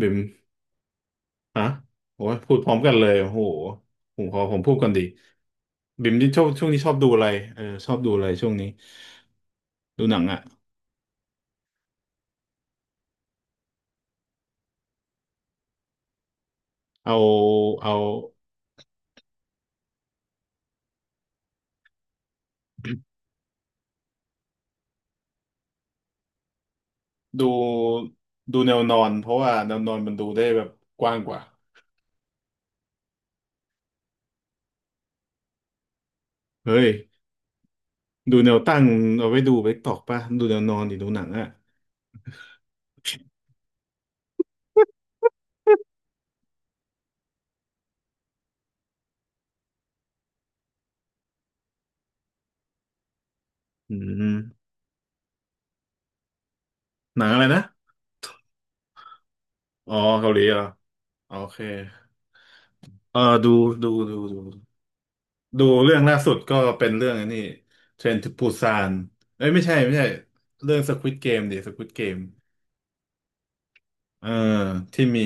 บิมฮะโอ้ยพูดพร้อมกันเลยโอ้โหผมขอผมพูดก่อนดีบิมนี่ชอบช่วงนี้ชอบดูอะไรเออชอบดูอะไรช่วงนี้ ดูหนังอ่ะเอาเอา ดู ดูแนวนอนเพราะว่าแนวนอนมันดูได้แบบกว้างกว่า เฮ้ย ดูแนวตั้งเอาไว้ดูไปตอกป่ะดูแนวนอนดิดูหนังอ่ะ อืมหนังอะไรนะอ๋อเกาหลีเหรอโอเคเออดูดูดู ดูเรื่องล่าสุดก็เป็นเรื่องอันนี้เทรนทูปูซานเอ้ยไม่ใช่ไม่ใช่เรื่องสควิดเกมดิสควิดเกมเออที่มี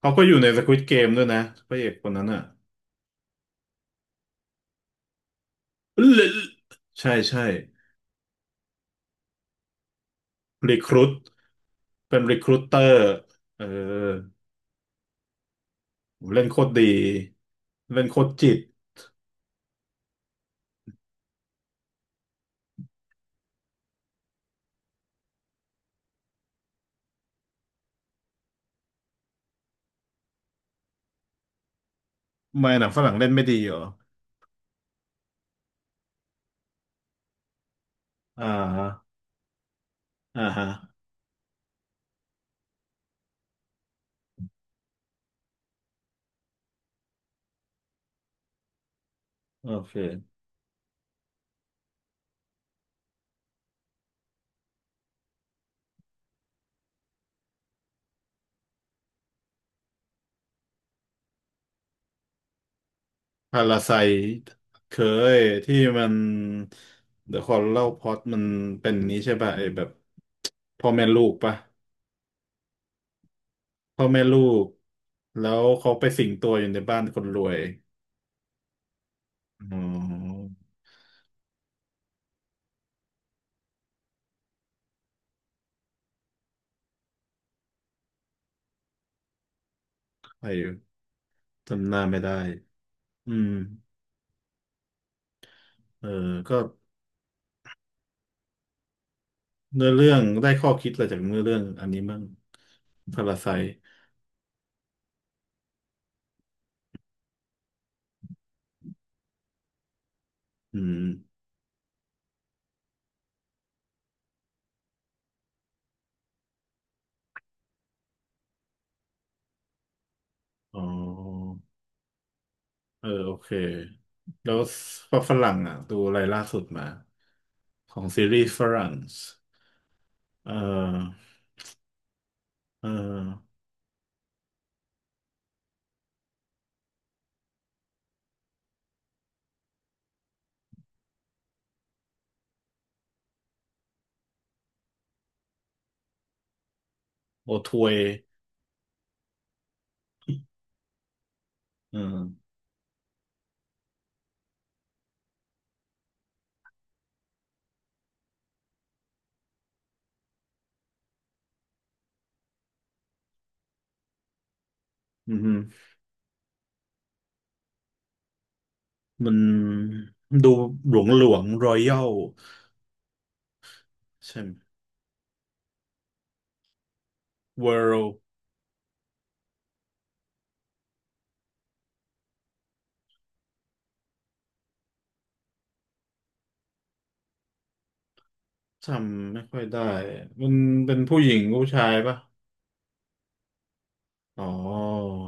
เขาก็อยู่ในสควิดเกมด้วยนะพระเอกคนนั้นอ่ะใช่ใช่รีครูทเป็นรีครูเตอร์เออเล่นโคตรดีเล่นโคตรจิตไม่หนังฝรั่งเล่นไม่ดีเหรออ่าฮะอ่าฮะโอเค พาราไซเคยที่มันเดี๋ยวขอลเล่าพอตมันเป็นนี้ใช่ป่ะไอ้แบบพ่อแม่ลูกป่ะพ่อแม่ลูกแล้วเขาไปสิงตัวอยู่ในบ้านคนรวยอ๋อใครจำหน้าไม่ได้อืมเออก็เนื้อเรื่องได้ข้อคิดอะไรจากเนื้อเรื่องอันนี้มั่งพาราไซอืมอ๋อเออโอเคแล้วฝรั่งอ่ะดูอะไรล่าสุดมาของซีรีส์ฝรั่งเออ เออโอทวยเอออืมฮึมันดูหลวงรอยัลใช่ไหมเวิลด์จำไม่ค่อยได้มันเป็นผู้หญิงผู้ชายปะอ๋อ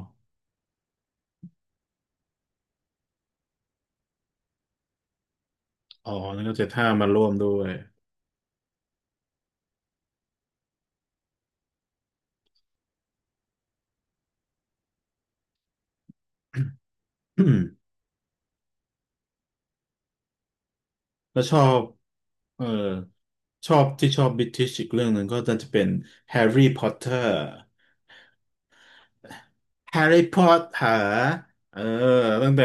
อ๋อนั่นก็เจ็ดห้ามาร่วมด้วย อืมแล้วชอบเออชอบที่ชอบบิ i ิชอีกเรื่องหนึ่งก็น่าจะเป็นแฮร์รี่พอตเตอร์ แฮร์รี่พอตเตอร์เออตั้งแต่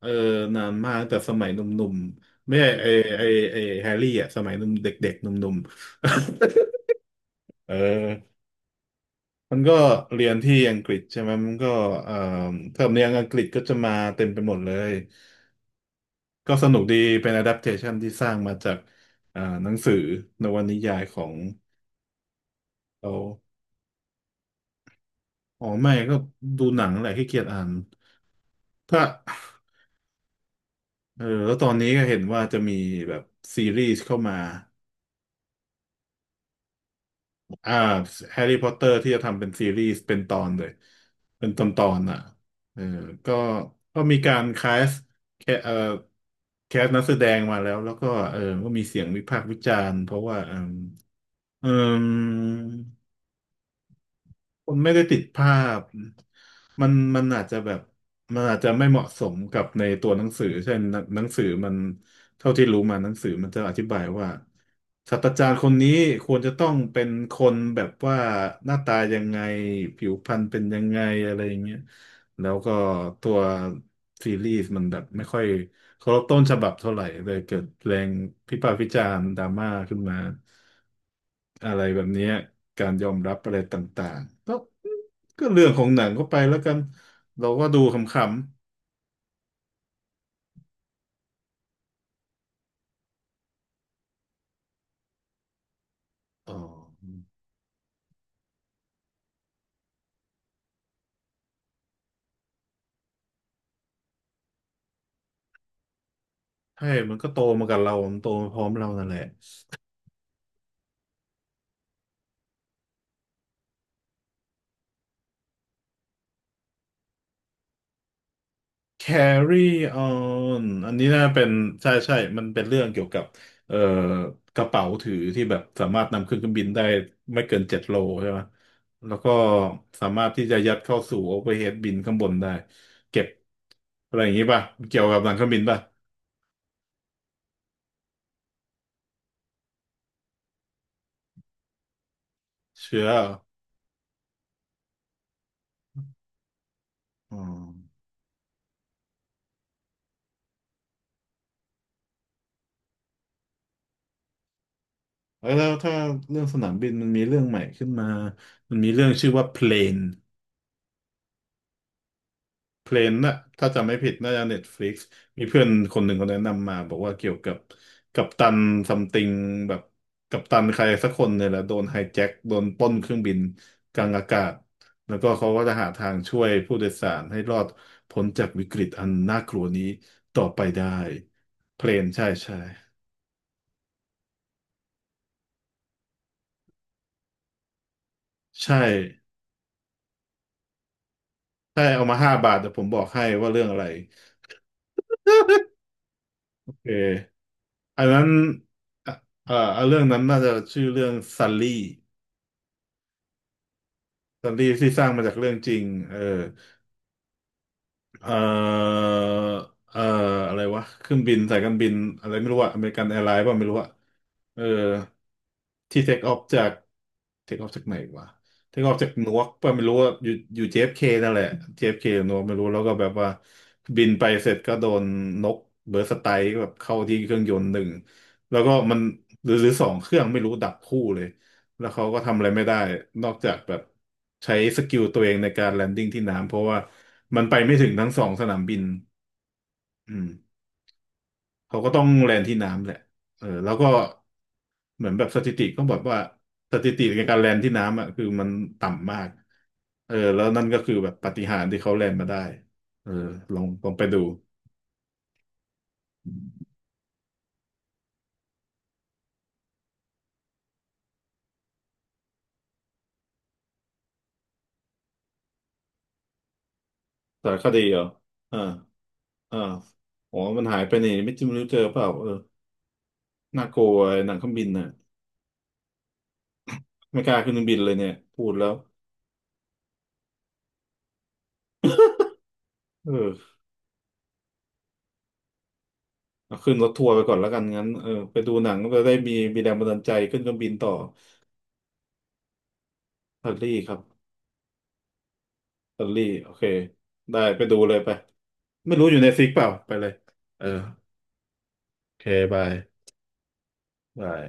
เออนานมากตั้งแต่สมัยหนุ่มๆไม่ใช่ไอไอไอแฮร์รี่อ่ะสมัยหนุ่มเด็กๆหนุ่มๆ เออมันก็เรียนที่อังกฤษใช่ไหมมันก็เอ่อเทอมเนียงอังกฤษก็จะมาเต็มไปหมดเลยก็สนุกดีเป็น adaptation ที่สร้างมาจากหนังสือนวนิยายของเราอ๋อไม่ก็ดูหนังแหละขี้เกียจอ่านถ้า เออแล้วตอนนี้ก็เห็นว่าจะมีแบบซีรีส์เข้ามาอ่าแฮร์รี่พอตเตอร์ที่จะทำเป็นซีรีส์เป็นตอนเลย เป็นตอนตอนอ่ะเออก็มีการสแคเอ่อแคสนักแสดงมาแล้วแล้วก็เออก็มีเสียงวิพากษ์วิจารณ์เพราะว่าเอมเอมคนไม่ได้ติดภาพมันอาจจะแบบมันอาจจะไม่เหมาะสมกับในตัวหนังสือเช่นหนังสือมัน เท่าที่รู้มาหนังสือมันจะอธิบายว่าศาสตราจารย์คนนี้ควรจะต้องเป็นคนแบบว่าหน้าตายังไงผิวพรรณเป็นยังไงอะไรอย่างเงี้ยแล้วก็ตัวซีรีส์มันแบบไม่ค่อยเคารพต้นฉบับเท่าไหร่เลยเกิดแรงพิพากษ์วิจารณ์ดราม่าขึ้นมาอะไรแบบเนี้ยการยอมรับอะไรต่างๆก็ก็เรื่องของหนังก็ไปแล้วกันเราก็ดูขำๆอ๋อ ใช่มันก็โตมากับเรา มันโตมาพร้อมเรานั่นแหละ Carry on อันนี้น่าเป็นใช่ใช่มันเป็นเรื่องเกี่ยวกับเอ่อกระเป๋าถือที่แบบสามารถนำขึ้นเครื่องบินได้ไม่เกิน7 โลใช่ไหม แล้วก็สามารถที่จะยัดเข้าสู่ overhead bin ข้างบนได้เก็บอะไรอย่างนี้ป่ะ เกี่ยวกับหลังเครื่องบินป่ะเชื้อเหรออ๋อแล้วถ้าเรื่องสนามบินมันมีเรื่องใหม่ขึ้นมามันมีเรื่องชื่อว่า plane เพลนน่ะถ้าจำไม่ผิดน่าจะเน็ตฟลิกซ์มีเพื่อนคนหนึ่งเขาแนะนำมาบอกว่าเกี่ยวกับกัปตันซัมติงแบบกัปตันใครสักคนเนี่ยแหละโดนไฮแจ็คโดนปล้นเครื่องบินกลางอากาศแล้วก็เขาก็จะหาทางช่วยผู้โดยสารให้รอดพ้นจากวิกฤตอันน่ากลัวนี้ต่อไปได้เพลนใช่ใช่ใช่ใช่เอามา5 บาทแต่ผมบอกให้ว่าเรื่องอะไร โอเคอันนั้นเอ่ะเอ่อเรื่องนั้นน่าจะชื่อเรื่องซัลลี่ ซีรีส์ที่สร้างมาจากเรื่องจริงเออเออเอออะไรวะเครื่องบินสายการบินอะไรไม่รู้อะอเมริกันแอร์ไลน์ป่ะไม่รู้อะเออที่เทคออฟจากเทคออฟจากไหนวะเทคออฟจากนวกป่ะไม่รู้ว่าอยู่ JFK นั่นแหละ JFK หรือนวกไม่รู้แล้วก็แบบว่าบินไปเสร็จก็โดนนกเบิร์สไตร์แบบเข้าที่เครื่องยนต์หนึ่งแล้วก็มันหรือสองเครื่องไม่รู้ดับคู่เลย แล้วเขาก็ทำอะไรไม่ได้นอกจากแบบใช้สกิลตัวเองในการแลนดิ้งที่น้ำเพราะว่ามันไปไม่ถึงทั้งสองสนามบินอืมเขาก็ต้องแลนที่น้ำแหละเออแล้วก็เหมือนแบบสถิติก็บอกว่าสถิติในการแลนที่น้ำอ่ะคือมันต่ำมากเออแล้วนั่นก็คือแบบปาฏิหาริย์ที่เขาแลนมาได้เออลองลองไปดูสารคดีเหรออ่าอ่าอ๋อมันหายไปนี่ไม่จริงไม่รู้เจอเปล่าเออน่ากลัวไอ้หนังเครื่องบินน่ะไม่กล้าขึ้นเครื่องบินเลยเนี่ยพูดแล้ว เออเอาขึ้นรถทัวร์ไปก่อนแล้วกันงั้นเออไปดูหนังก็จะได้มีแรงบันดาลใจขึ้นเครื่องบินต่ออิตาลีครับอิตาลีโอเคได้ไปดูเลยไปไม่รู้อยู่ในฟิกเปล่าไปเลยเออโอเคบายบาย